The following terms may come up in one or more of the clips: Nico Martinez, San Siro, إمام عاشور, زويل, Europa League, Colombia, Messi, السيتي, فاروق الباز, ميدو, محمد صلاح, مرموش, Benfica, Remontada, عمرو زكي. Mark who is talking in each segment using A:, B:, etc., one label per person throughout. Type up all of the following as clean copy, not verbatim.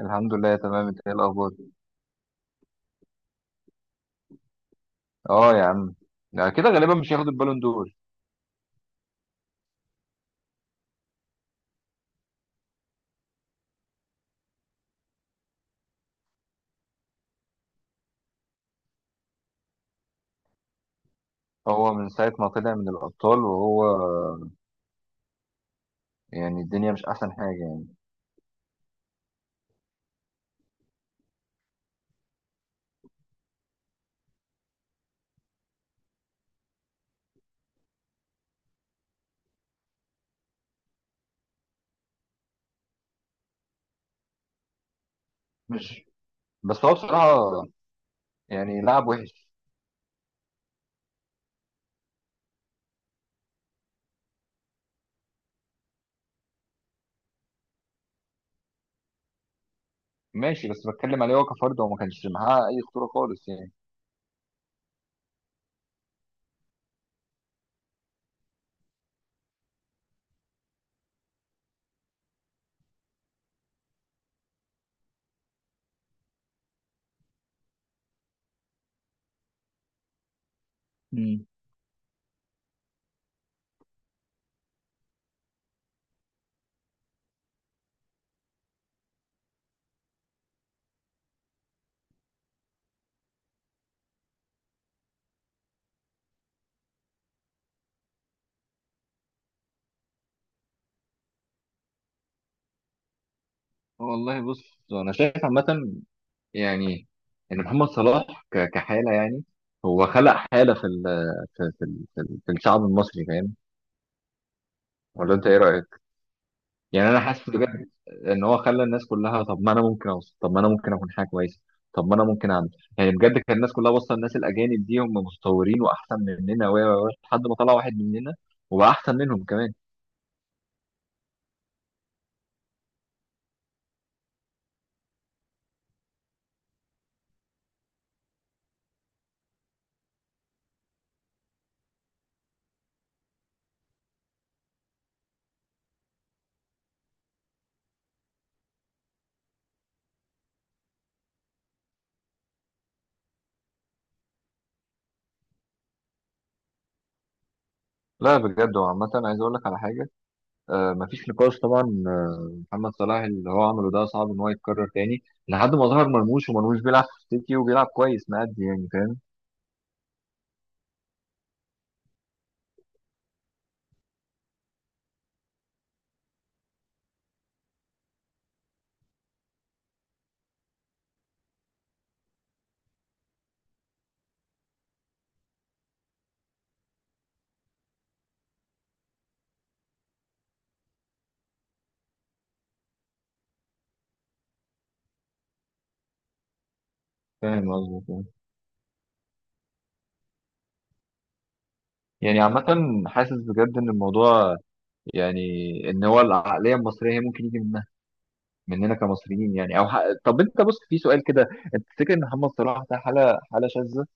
A: الحمد لله تمام، انت ايه الاخبار؟ اه يا عم. لا كده غالبا مش هياخد البالون دور. هو من ساعه ما طلع من الابطال وهو يعني الدنيا مش احسن حاجه يعني. مش بس هو بصراحه يعني لاعب وحش. ماشي بس بتكلم عليه هو كفرد، هو ما كانش معاه اي خطوره خالص يعني. مم. والله بص انا شايف عامه يعني ان محمد صلاح كحاله يعني هو خلق حاله في ال في الشعب المصري، فاهم؟ ولا انت ايه رايك؟ يعني انا حاسس بجد ان هو خلى الناس كلها طب ما انا ممكن اوصل، طب ما انا ممكن اكون حاجه كويسه، طب ما انا ممكن اعمل يعني بجد. كان الناس كلها باصه الناس الاجانب دي هم متطورين واحسن مننا و لحد ما طلع واحد مننا وبقى احسن منهم كمان. لا بجد هو عامة عايز اقول لك على حاجة. آه مفيش نقاش طبعا. محمد صلاح اللي هو عمله ده صعب ان هو يتكرر تاني لحد ما ظهر مرموش، ومرموش بيلعب في السيتي وبيلعب كويس مأدي يعني، فاهم؟ فاهم قصدك آه. يعني عامة حاسس بجد ان الموضوع يعني ان هو العقليه المصريه هي ممكن يجي من مننا كمصريين يعني. او ح... طب انت بص في سؤال كده. انت تفتكر ان محمد صلاح ده حاله، شاذه،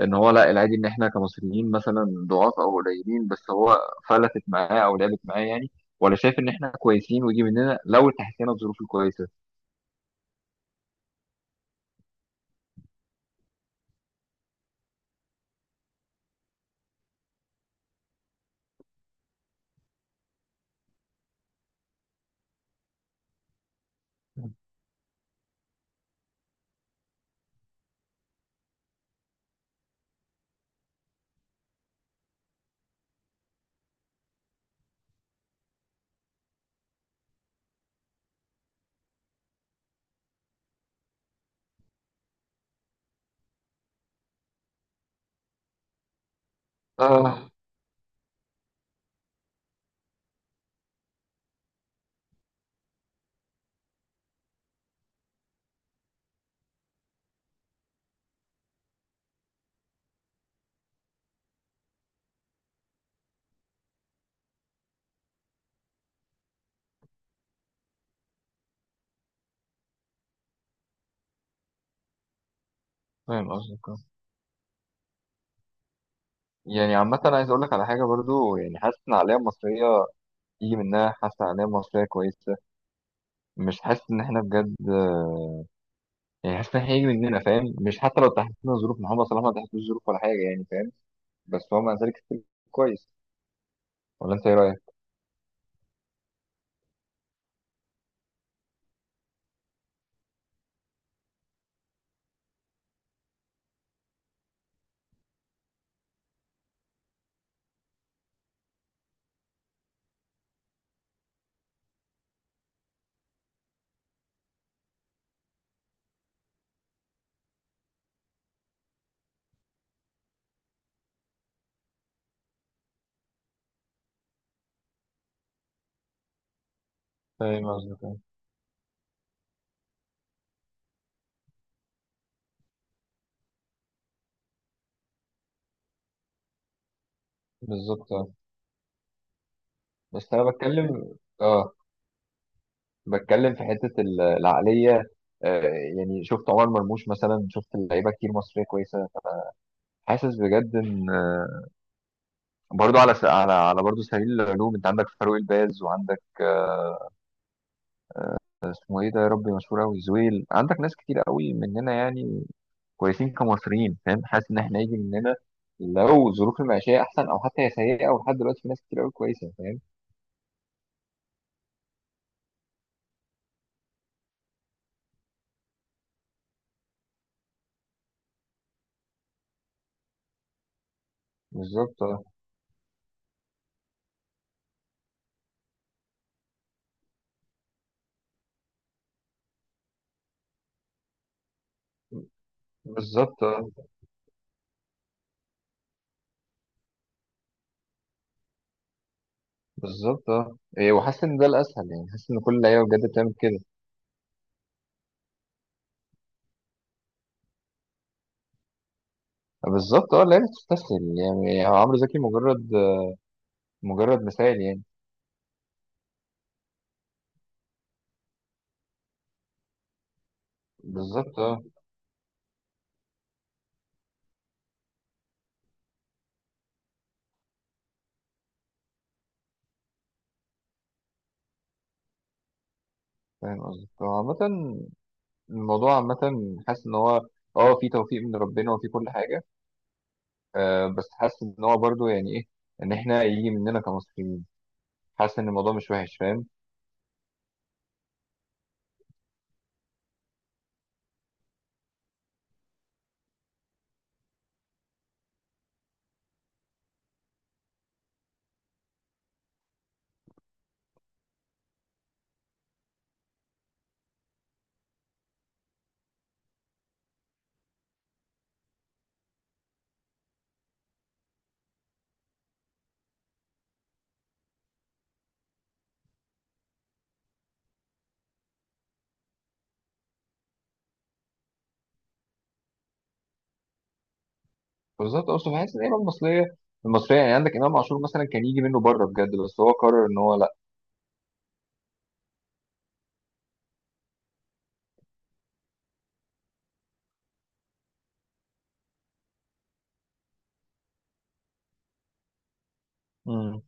A: ان هو لا العادي، ان احنا كمصريين مثلا ضعاف او قليلين بس هو فلتت معاه او لعبت معاه يعني؟ ولا شايف ان احنا كويسين ويجي مننا لو تحسينا الظروف الكويسه؟ اه، فاهم قصدك آه. يعني عامة أنا عايز أقول لك على حاجة برضو، يعني حاسس إن العقلية المصرية يجي منها. حاسس إن العقلية المصرية كويسة، مش حاسس إن إحنا بجد يعني. حاسس إن إحنا هيجي مننا، فاهم؟ مش حتى لو تحسينا ظروف محمد صلاح ما تحسناش ظروف ولا حاجة يعني، فاهم؟ بس هو مع ذلك ستيل كويس. ولا انت ايه رايك؟ فاهم قصدك أيوة. بالظبط آه. بس انا بتكلم. اه بتكلم في حته العقليه. آه يعني شفت عمر مرموش مثلا، شفت لعيبه كتير مصريه كويسه. حاسس بجد ان آه، برضو على س... على على برضو سبيل العلوم انت عندك فاروق الباز، وعندك آه، اسمه ايه ده يا ربي مشهور قوي، زويل. عندك ناس كتير قوي مننا يعني، كويسين كمصريين، فاهم؟ حاسس ان احنا يجي مننا لو ظروف المعيشيه احسن، او حتى هي سيئه ولحد دلوقتي في ناس كتير قوي كويسه، فاهم؟ بالظبط اه. بالظبط اه. بالظبط اه، إيه، وحاسس ان ده الاسهل يعني، حاسس ان كل اللعيبه بجد بتعمل كده. آه، بالظبط اه. اللعيبه بتستسهل يعني، هو عمرو زكي مجرد مثال يعني. بالظبط اه. فاهم قصدك. هو عامة الموضوع عامة حاسس ان هو اه في توفيق من ربنا وفي كل حاجة، آه. بس حاسس ان هو برضه يعني ايه، ان احنا يجي مننا كمصريين. حاسس ان الموضوع مش وحش، فاهم؟ بالظبط. اصلا حاسس ان اللعيبة المصرية يعني عندك امام عاشور مثلا كان يجي منه بره بجد بس هو قرر ان هو لا.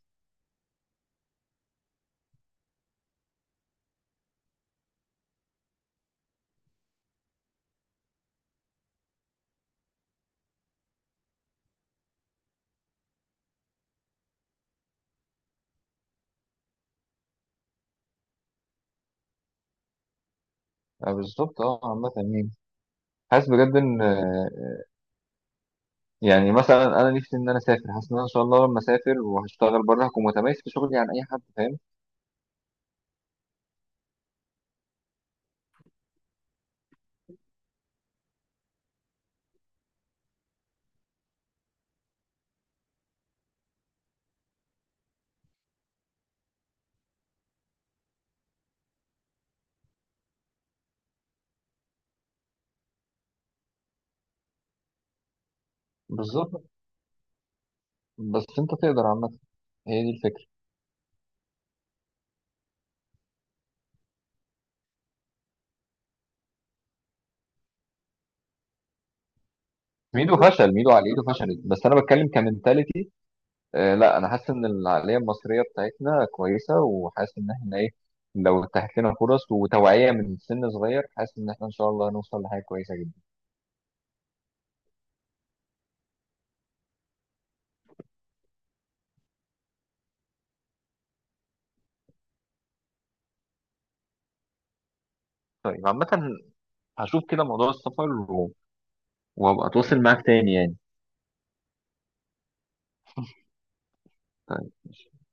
A: آه، بالظبط اه. عامة يعني حاسس بجد ان آه، يعني مثلا انا نفسي ان انا اسافر. حاسس ان انا ان شاء الله لما اسافر وهشتغل بره هكون متميز في شغلي عن اي حد، فاهم؟ بالظبط. بس انت تقدر عامة، هي دي الفكرة. ميدو فشل، ميدو عقليته فشلت، بس انا بتكلم كمنتاليتي. آه لا انا حاسس ان العقلية المصرية بتاعتنا كويسة، وحاسس ان احنا ايه، لو اتاحت لنا فرص وتوعية من سن صغير حاسس ان احنا ان شاء الله هنوصل لحاجة كويسة جدا. طيب عامة هشوف كده موضوع السفر وهبقى اتواصل معاك تاني يعني. طيب.